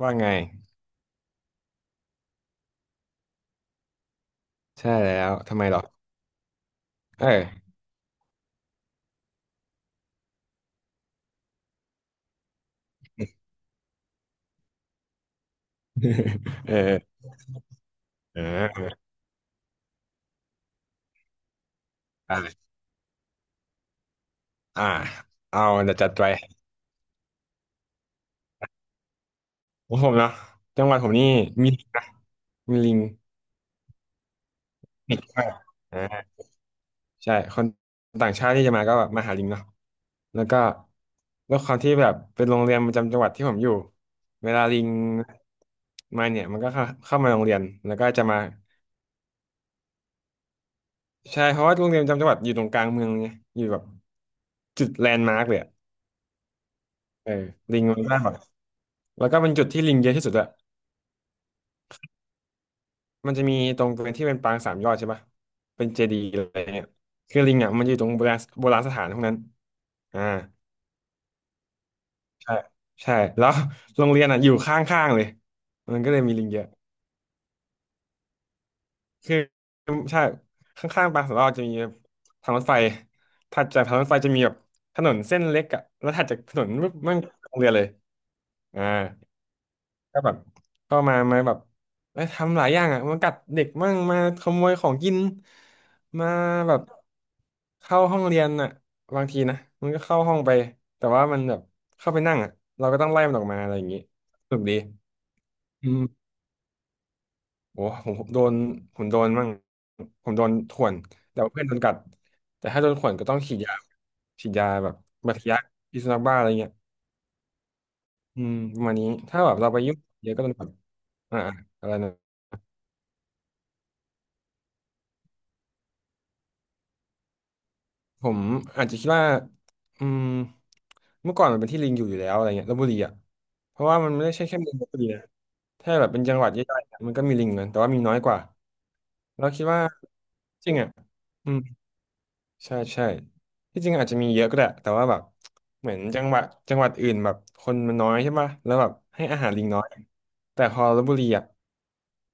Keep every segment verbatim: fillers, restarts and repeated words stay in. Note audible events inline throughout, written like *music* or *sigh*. ว่าไงใช่แล้วทำไมหรอเออ *laughs* เออเออเออได้เลยอ่าเอาเดี๋ยวจัดไปของผมเนาะจังหวัดผมนี่มี *laughs* ลิงนะมีลิงติดมากอ่าใช่คนต่างชาติที่จะมาก็แบบมาหาลิงเนาะแล้วก็ด้วยความที่แบบเป็นโรงเรียนประจำจังหวัดที่ผมอยู่เวลาลิงมาเนี่ยมันก็เข้าเข้ามาโรงเรียนแล้วก็จะมาใช่เพราะว่าโรงเรียนประจำจังหวัดอยู่ตรงกลางเมืองไงอยู่แบบจุดแลนด์มาร์กเลยอะเออลิงมันก็แบบ แล้วก็เป็นจุดที่ลิงเยอะที่สุดอะมันจะมีตรงบริเวณที่เป็นปางสามยอดใช่ปะเป็นเจดีย์อะไรเงี้ยคือลิงอะมันอยู่ตรงโบราณโบราณสถานพวกนั้นอ่าใช่ใช่แล้วโรงเรียนอะอยู่ข้างๆเลยมันก็เลยมีลิงเยอะคือใช่ข้างๆปางสามยอดจะมีทางรถไฟถัดจากทางรถไฟจะมีแบบถนนเส้นเล็กอะแล้วถัดจากถนนปุ๊บมันโรงเรียนเลยอ่า ก็แบบก็มามาแบบเอ้ยทำหลายอย่างอ่ะมากัดเด็กมั่งมาขโมยของกินมาแบบเข้าห้องเรียนอ่ะบางทีนะมันก็เข้าห้องไปแต่ว่ามันแบบเข้าไปนั่งอ่ะเราก็ต้องไล่มันออกมาอะไรอย่างงี้สนุกดีอืมโอ้ผมผมโดนผมโดนมั่งผมโดนข่วนแต่ว่าเพื่อนโดนกัดแต่ถ้าโดนข่วนก็ต้องฉีดยาฉีดยาแบบบาดทะยักพิษสุนัขบ้าอะไรเงี้ยอืมประมาณนี้ถ้าแบบเราไปยุ่งเยอะก็โดนกัดอ่าๆอะไรนะ ผมอาจจะคิดว่าอืมเมื่อก่อนมันเป็นที่ลิงอยู่อยู่แล้วอะไรเงี้ยลพบุรีอ่ะเพราะว่ามันไม่ได้ใช่แค่เมืองลพบุรีนะถ้าแบบเป็นจังหวัดย่อยๆอะมันก็มีลิงนะแต่ว่ามีน้อยกว่าเราคิดว่าจริงอ่ะอืม ใช่ใช่ที่จริงอาจจะมีเยอะก็ได้แต่ว่าแบบเหมือนจังหวัดจังหวัดอื่นแบบคนมันน้อยใช่ปะแล้วแบบให้อาหารลิงน้อยแต่พอลพบุรีอ่ะ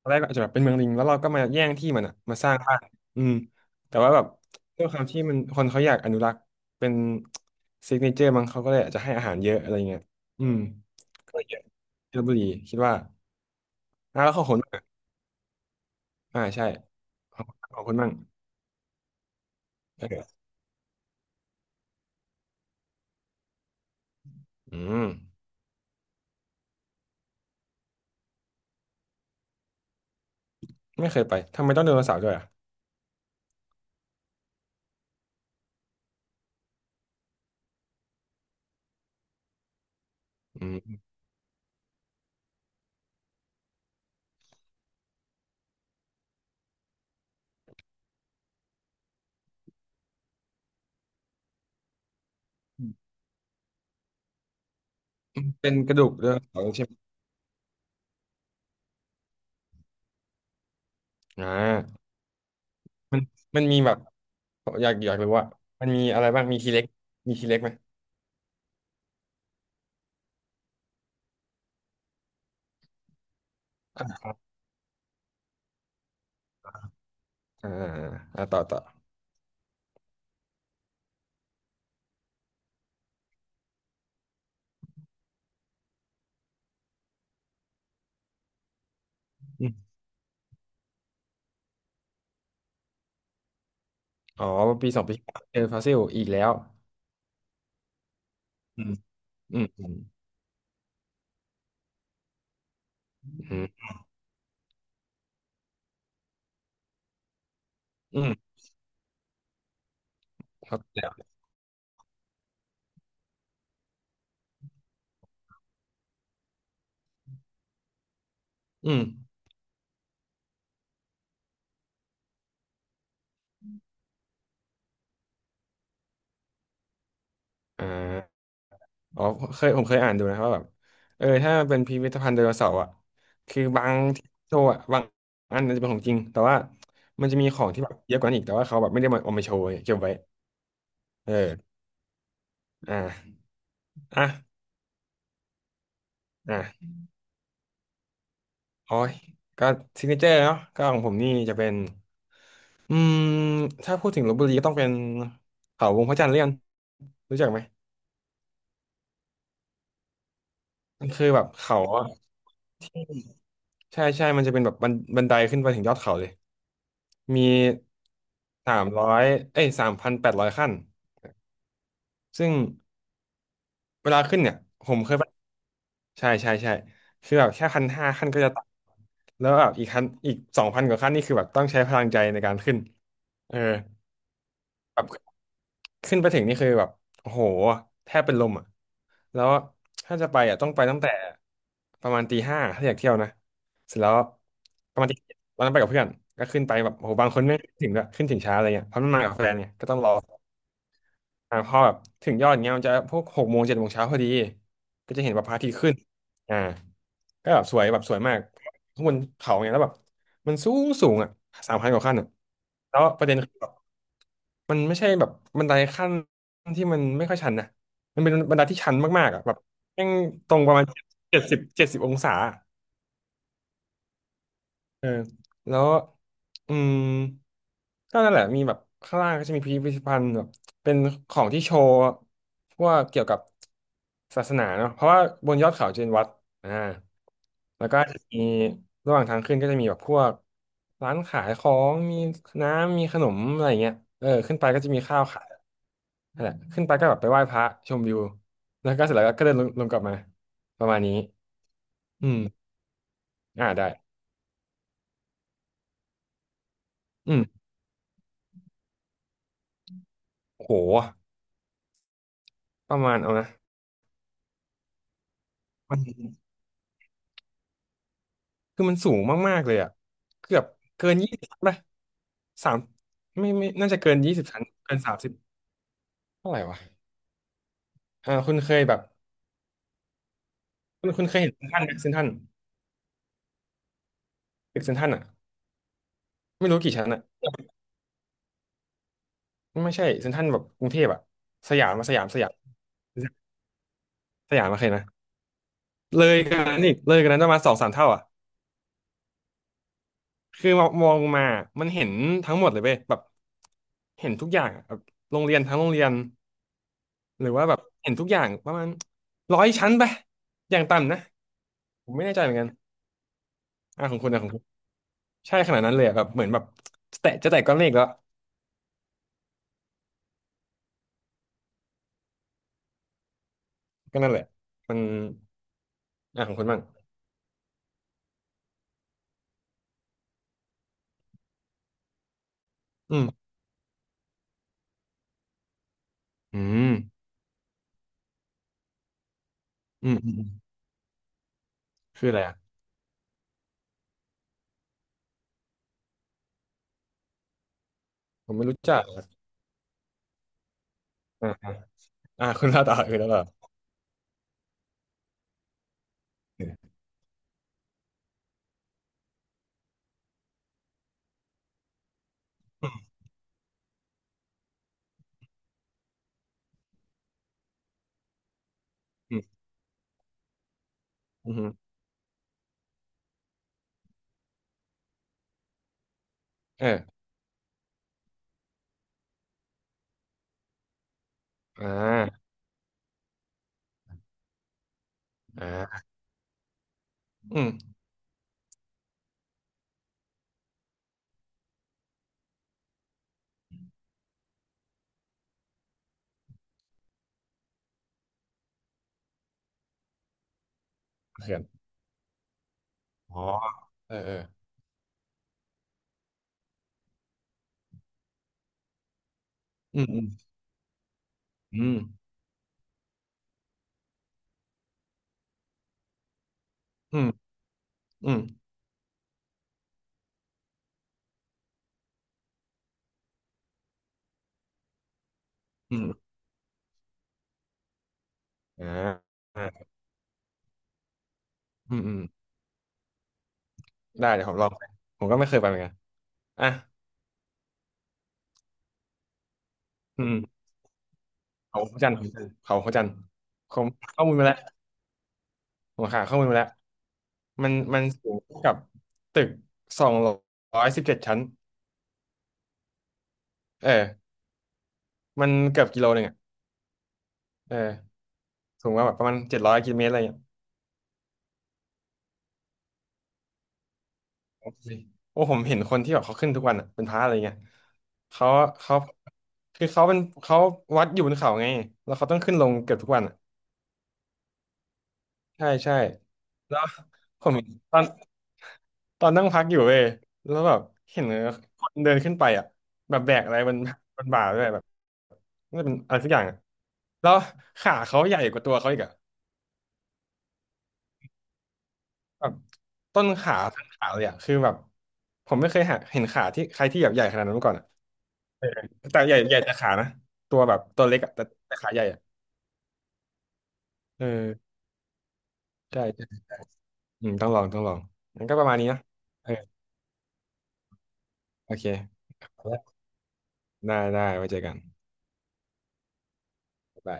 ตอนแรกก็อาจจะแบบเป็นเมืองลิงแล้วเราก็มาแย่งที่มันอ่ะมาสร้างบ้านอืมแต่ว่าแบบด้วยความที่มันคนเขาอยากอนุรักษ์เป็นซิกเนเจอร์มั้งเขาก็เลยอาจจะให้อาหารเยอะอะไรเงี้ยอืมก็เยอะที่ลพบุรีคิดว่าอ่ะแล้วของคนบ้างอะอ่าใช่ของของคนบ้างเอออืมไม่เคยไปทำไมต้องเดินเสาร์ด้วยอ่ะ เป็นกระดูกไดโนเสาร์ใช่ไหมอ่ามันมันมีแบบอยากอยากรู้ว่ามันมีอะไรบ้างมีทีเล็กมีทีเล็กไหมอ่าอ่ะต่อต่ออืมอ๋อปีสองปีเจอฟอสซิลอีกแล้วอืมอืมอืมอืมอืมเข้าใจแล้วอืมอ่าอ๋อเคยผมเคยอ่านดูนะว่าแบบเออถ้ามันเป็นพิพิธภัณฑ์ไดโนเสาร์อ่ะคือบางที่โชว์อ่ะบางอันนันจะเป็นของจริงแต่ว่ามันจะมีของที่แบบเยอะกว่านั้นอีกแต่ว่าเขาแบบไม่ได้มาเอามาโชว์เก็บไว้เอออ่าอ่ะอ่ะ โอ้ยก็ซิกเนเจอร์เนาะก็ของผมนี่จะเป็นอืมถ้าพูดถึงลพบุรีก็ต้องเป็นเขาวงพระจันทร์เลี่ยนรู้จักไหมมันคือแบบเขาอะใช่ใช่มันจะเป็นแบบบันบันไดขึ้นไปถึงยอดเขาเลยมีสามร้อยเอ้ยสามพันแปดร้อยขั้นซึ่งเวลาขึ้นเนี่ยผมเคยไปใช่ใช่ใช่คือแบบแค่พันห้าขั้นก็จะตายแล้วแบบอีกขั้นอีกสองพันกว่าขั้นนี่คือแบบต้องใช้พลังใจในการขึ้นเออแบบ ขึ้นไปถึงนี่คือแบบโอ้โหแทบเป็นลมอ่ะแล้วถ้าจะไปอ่ะต้องไปตั้งแต่ประมาณตีห้าถ้าอยากเที่ยวนะเสร็จแล้วประมาณตีวันนั้นไปกับเพื่อนก็ขึ้นไปแบบโอ้โหบางคนไม่ถึงด้วยขึ้นถึงช้าอะไรเงี้ยเพราะมันมากับแฟนเนี่ยก็ต้องรออ่าพอแบบถึงยอดเงี้ยมันจะพวกหกโมงเจ็ดโมงเช้าพอดีก็จะเห็นแบบพระอาทิตย์ขึ้นอ่าก็แบบสวยแบบสวยมากข้างบนเขาเนี่ยแล้วแบบมันสูงสูงอ่ะสามพันกว่าขั้นอ่ะแล้วประเด็นคือแบบ มันไม่ใช่แบบบันไดขั้นที่มันไม่ค่อยชันนะมันเป็นบันไดที่ชันมากๆอ่ะแบบแม่งตรงประมาณเจ็ดสิบเจ็ดสิบองศาอะเออแล้วอืมก็นั่นแหละมีแบบข้างล่างก็จะมีพิพิธภัณฑ์แบบเป็นของที่โชว์พวกเกี่ยวกับศาสนาเนาะเพราะว่าบนยอดเขาจะเป็นวัดอ่าแล้วก็จะมีระหว่างทางขึ้นก็จะมีแบบพวกร้านขายของมีน้ำมีขนมอะไรอย่างเงี้ยเออขึ้นไปก็จะมีข้าวขาย นั่นแหละขึ้นไปก็แบบไปไหว้พระชมวิวแล้วก็เสร็จแล้วก็เดินลงลงกลับมาประมาณนี้ อืมอ่าได้ อืมโอ้โหประมาณเอานะมันคือมันสูงมากๆเลยอ่ะเกือบเกินยี่สิบป่ะสามไม่ไม่น่าจะเกินยี่สิบชั้นเกินสามสิบเท่าไหร่วะอ่าคุณเคยแบบคุณคุณเคยเห็นเซ็นทรัลไหมเซ็นทรัลตึกเซ็นทรัลอ่ะไม่รู้กี่ชั้นอ่ะไม่ใช่เซ็นทรัลแบบกรุงเทพอ่ะสยามมาสยามสยามสยามมาเคยนะเลยกันนั้นอีกเลยกันนั้นประมาณสองสามเท่าอ่ะ คือมองลงมามันเห็นทั้งหมดเลยเว้ยแบบเห็นทุกอย่างอะแบบโรงเรียนทั้งโรงเรียนหรือว่าแบบเห็นทุกอย่างประมาณร้อยชั้นไปอย่างต่ำนะผมไม่แน่ใจเหมือนกันอ่ะของคุณนะของคุณใช่ขนาดนั้นเลยอะแบบเหมือนแบบจะแตะจะแตะก้อนเมฆแล้วก็นั่นแหละมันอ่ะของคุณบ้างอืมอืมอืมอืมอืมคืออะไรอ่ะผมไม่รู้จักอะอ่าอ่าอ่าคุณเล่าต่อคุณเล่าต่ออืมอืมอืมเอออ่าอ่าอืมเขื่อนอ๋อเออเอออืมอืมอืม อืมอืมอืมอ่าอ่าอืมอืมได้เดี๋ยวผมลองไปผมก็ไม่เคยไปเหมือนกันอ่ะอืมเขาพระจันทร์เขาพระจันทร์ผมข้อมูลมาแล้วผมหาข้อมูลมาแล้วมันมันสูงกับตึกสองร้อยสิบเจ็ดชั้นเออมันเกือบกิโลหนึ่งอ่ะเออสูงกว่าแบบประมาณเจ็ดร้อยกิโลเมตรอะไรเงี้ยโอ้โหโอ้ผมเห็นคนที่แบบเขาขึ้นทุกวันอ่ะเป็นพระอะไรเงี้ยเขาเขาคือเขาเป็นเขาวัดอยู่บนเขาไงแล้วเขาต้องขึ้นลงเกือบทุกวัน ใช่ใช่แล้วผมเห็นตอนตอนนั่งพักอยู่เว้ยแล้วแบบเห็นคนเดินขึ้นไปอ่ะแบบแบกอะไรมัน *laughs* มันบ่าด้วยแบบน่าจะเป็นอะไรสักอย่างอะแล้วขาเขาใหญ่กว่าตัวเขาอีกอ่ะแบบต้นขาทั้งขาเลยอ่ะคือแบบผมไม่เคยหาเห็นขาที่ใครที่แบบใหญ่ขนาดนั้นมาก่อนอ่ะแต่ใหญ่ใหญ่แต่ขานะตัวแบบตัวเล็กอ่ะแต่แต่ขาใหญ่อ่ะเออใช่ใช่ใช่อืมต้องลองต้องลองงั้นก็ประมาณนี้นะเออโอเคได้ได้ไว้เจอกัน ได้